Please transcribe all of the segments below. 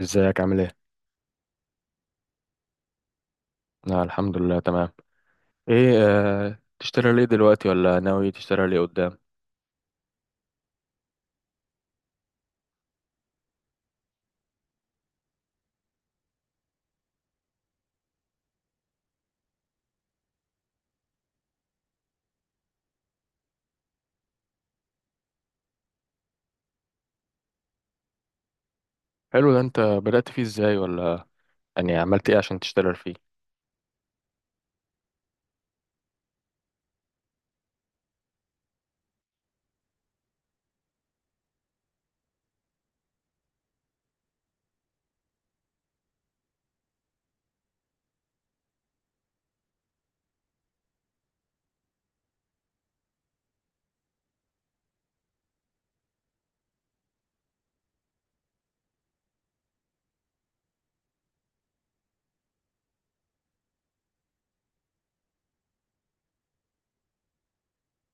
ازيك عامل ايه؟ آه الحمد لله تمام. ايه. تشتري ليه دلوقتي ولا ناوي تشتري ليه قدام؟ حلو ده، انت بدأت فيه ازاي، ولا يعني عملت ايه عشان تشتري فيه؟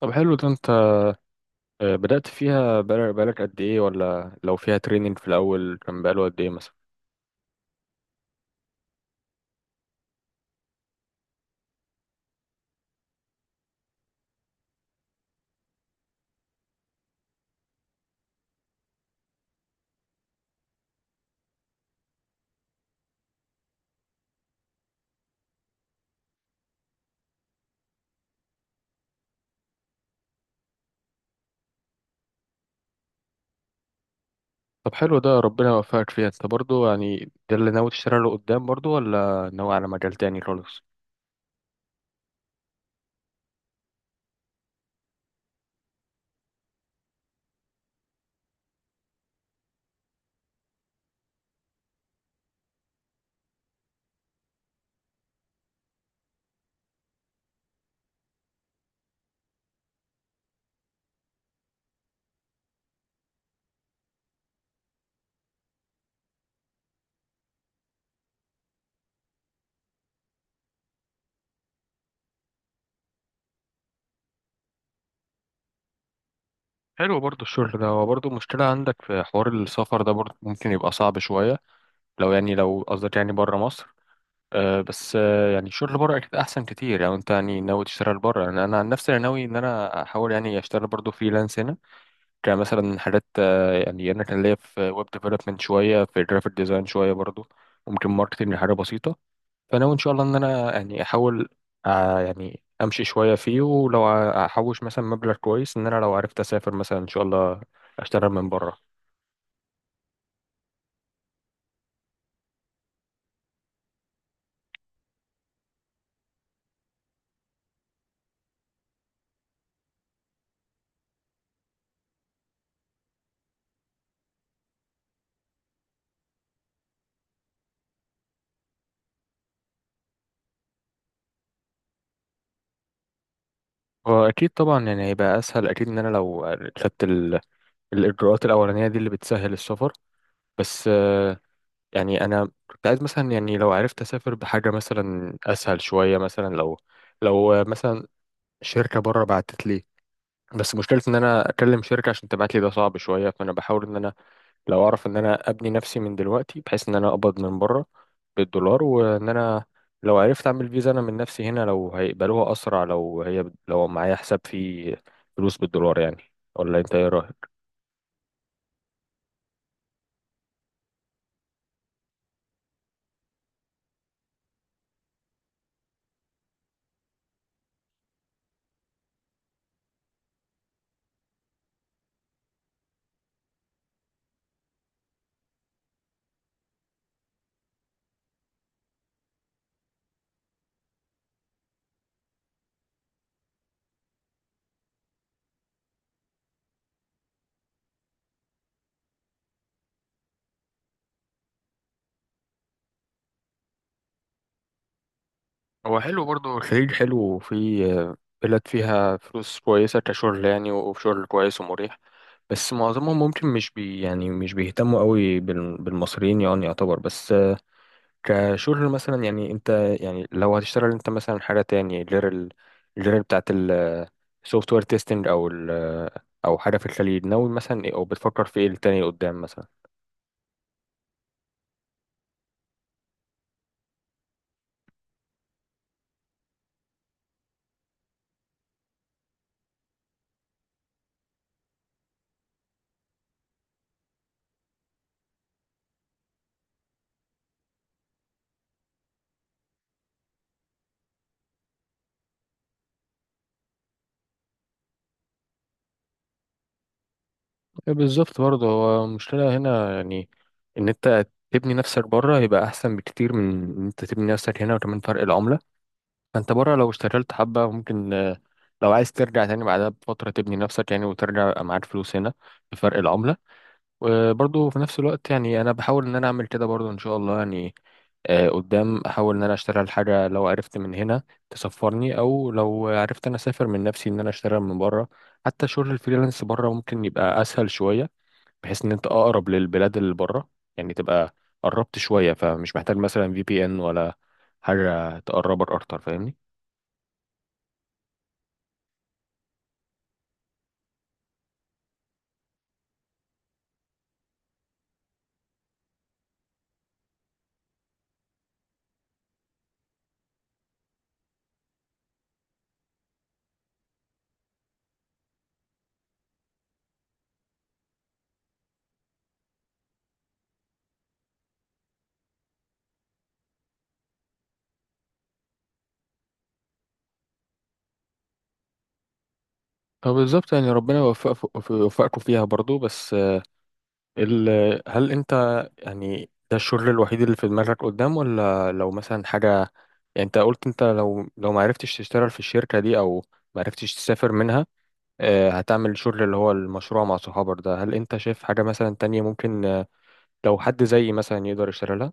طب حلو ده، انت بدأت فيها بقالك قد ايه، ولا لو فيها تريننج في الأول كان بقاله قد ايه مثلا؟ طب حلو ده، ربنا يوفقك فيها انت برضو، يعني ده اللي ناوي تشتري له قدام برضو، ولا ناوي على مجال تاني خالص؟ حلو برضو الشغل ده، هو برضو مشكلة عندك في حوار السفر ده برضو، ممكن يبقى صعب شوية لو، يعني لو قصدك يعني بره مصر. بس يعني الشغل بره اكيد احسن كتير لو انت يعني ناوي تشتغل بره. يعني انا عن نفسي انا ناوي ان انا احاول يعني اشتغل برضو فريلانس هنا. كان مثلا حاجات، يعني انا كان ليا في ويب ديفلوبمنت شويه، في جرافيك ديزاين شويه برضو، وممكن ماركتنج حاجه بسيطه. فانا ان شاء الله ان انا يعني احاول. يعني امشي شويه فيه، ولو احوش مثلا مبلغ كويس، ان انا لو عرفت اسافر مثلا ان شاء الله اشتغل من بره. واكيد طبعا يعني هيبقى اسهل اكيد ان انا لو خدت الاجراءات الاولانيه دي اللي بتسهل السفر. بس يعني انا كنت عايز مثلا، يعني لو عرفت اسافر بحاجه مثلا اسهل شويه، مثلا لو مثلا شركه بره بعتت لي. بس مشكلة ان انا اكلم شركة عشان تبعت لي ده صعب شوية. فانا بحاول ان انا لو اعرف ان انا ابني نفسي من دلوقتي بحيث ان انا اقبض من بره بالدولار، وان انا لو عرفت اعمل فيزا انا من نفسي هنا لو هيقبلوها اسرع، لو هي لو معايا حساب فيه فلوس بالدولار يعني. ولا انت ايه رأيك؟ هو حلو برضه الخليج حلو، وفي بلاد فيها فلوس كويسة كشغل يعني، وشغل كويس ومريح. بس معظمهم ممكن مش بي، يعني مش بيهتموا قوي بالمصريين يعني، يعتبر. بس كشغل مثلا يعني انت، يعني لو هتشتغل انت مثلا حاجة تاني غير بتاعة السوفت وير تيستنج، او او حاجة في الخليج، ناوي مثلا ايه، او بتفكر في ايه التاني قدام مثلا؟ إيه بالظبط برضه، هو المشكلة هنا يعني إن أنت تبني نفسك بره هيبقى أحسن بكتير من إن أنت تبني نفسك هنا، وكمان فرق العملة. فأنت بره لو اشتغلت حبة ممكن، لو عايز ترجع تاني بعدها بفترة تبني نفسك، يعني وترجع يبقى معاك فلوس هنا بفرق العملة. وبرضه في نفس الوقت يعني أنا بحاول إن أنا أعمل كده برضه إن شاء الله يعني. قدام أحاول إن أنا أشتغل حاجة، لو عرفت من هنا تسفرني، أو لو عرفت أنا أسافر من نفسي إن أنا أشتغل من بره. حتى شغل الفريلانس بره ممكن يبقى أسهل شوية، بحيث ان انت اقرب للبلاد اللي بره، يعني تبقى قربت شويه، فمش محتاج مثلا في بي ان ولا حاجه تقربك اكتر. فاهمني؟ فبالظبط يعني ربنا يوفقك يوفقكم فيها برضو. بس ال... هل انت، يعني ده الشغل الوحيد اللي في دماغك قدام، ولا لو مثلا حاجه، يعني انت قلت انت لو ما عرفتش تشتغل في الشركه دي، او ما عرفتش تسافر منها، هتعمل شغل اللي هو المشروع مع صحابك ده. هل انت شايف حاجه مثلا تانية ممكن، لو حد زيي مثلا يقدر يشتغلها؟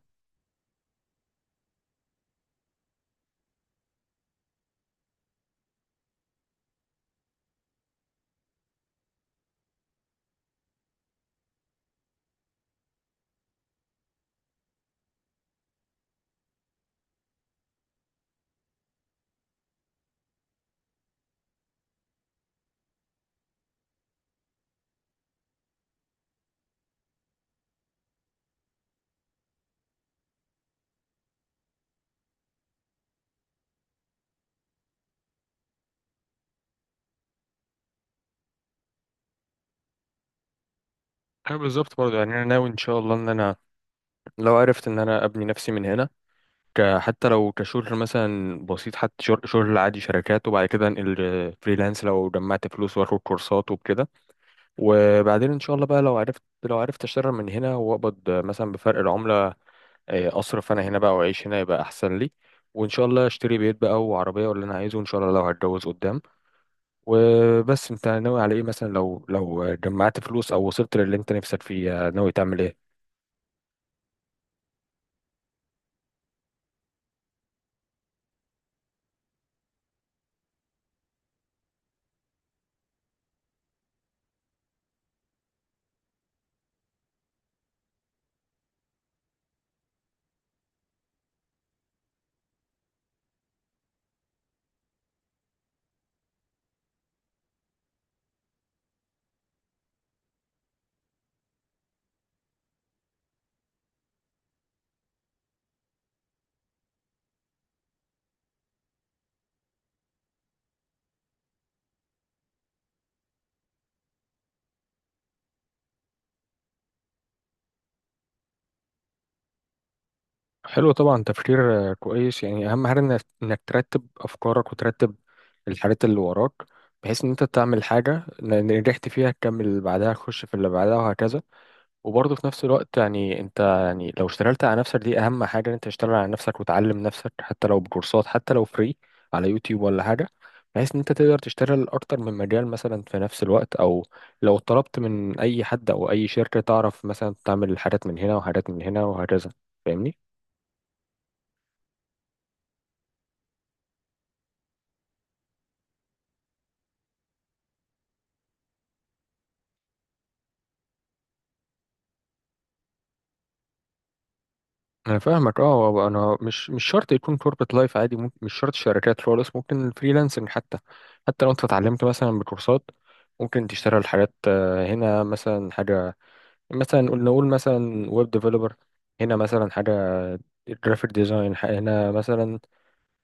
أيوة بالظبط برضه، يعني أنا ناوي إن شاء الله إن أنا لو عرفت إن أنا أبني نفسي من هنا، حتى لو كشغل مثلا بسيط، حتى شغل عادي شركات، وبعد كده أنقل فريلانس لو جمعت فلوس وآخد كورسات وكده. وبعدين إن شاء الله بقى لو عرفت أشتغل من هنا وأقبض مثلا بفرق العملة، أصرف أنا هنا بقى وأعيش هنا يبقى أحسن لي. وإن شاء الله أشتري بيت بقى وعربية واللي أنا عايزه إن شاء الله لو هتجوز قدام. وبس أنت ناوي على إيه مثلا، لو جمعت فلوس أو وصلت للي أنت نفسك فيه، ناوي تعمل إيه؟ حلو، طبعا تفكير كويس. يعني اهم حاجه انك إنك ترتب افكارك وترتب الحاجات اللي وراك بحيث ان انت تعمل حاجه، إن نجحت فيها تكمل اللي بعدها، تخش في اللي بعدها، وهكذا. وبرضه في نفس الوقت يعني انت، يعني لو اشتغلت على نفسك، دي اهم حاجه ان انت تشتغل على نفسك وتعلم نفسك، حتى لو بكورسات، حتى لو فري على يوتيوب ولا حاجه، بحيث ان انت تقدر تشتغل اكتر من مجال مثلا في نفس الوقت، او لو طلبت من اي حد او اي شركه تعرف مثلا تعمل حاجات من هنا وحاجات من هنا وهكذا. فاهمني؟ انا فاهمك. اه هو انا مش شرط يكون كوربت لايف عادي، ممكن مش شرط شركات خالص، ممكن فريلانسنج حتى. حتى لو انت اتعلمت مثلا بكورسات، ممكن تشتغل حاجات، هنا مثلا حاجه، مثلا نقول مثلا ويب ديفلوبر، هنا مثلا حاجه جرافيك ديزاين، هنا مثلا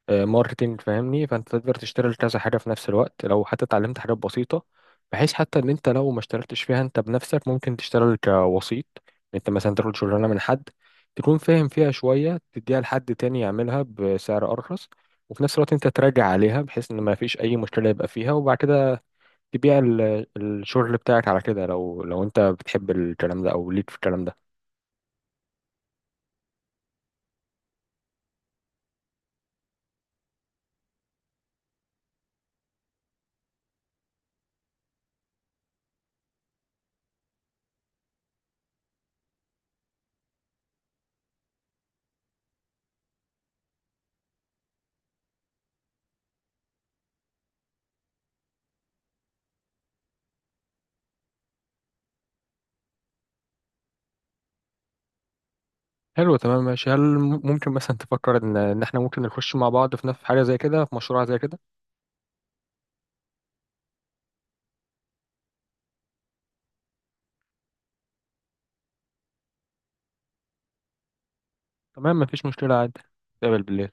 ماركتينج. فاهمني؟ فانت تقدر تشتغل كذا حاجه في نفس الوقت لو حتى اتعلمت حاجات بسيطه، بحيث حتى ان انت لو ما اشتغلتش فيها انت بنفسك ممكن تشتغل كوسيط. انت مثلا تاخد شغلانه من حد، تكون فاهم فيها شويه، تديها لحد تاني يعملها بسعر ارخص، وفي نفس الوقت انت تراجع عليها بحيث ان ما فيش اي مشكله يبقى فيها، وبعد كده تبيع الشغل بتاعك على كده، لو انت بتحب الكلام ده او ليك في الكلام ده. حلو تمام ماشي. هل ممكن مثلا تفكر ان إن احنا ممكن نخش مع بعض في نفس حاجه زي كده، في مشروع زي كده؟ تمام، مفيش مشكلة عادي. نتقابل بالليل.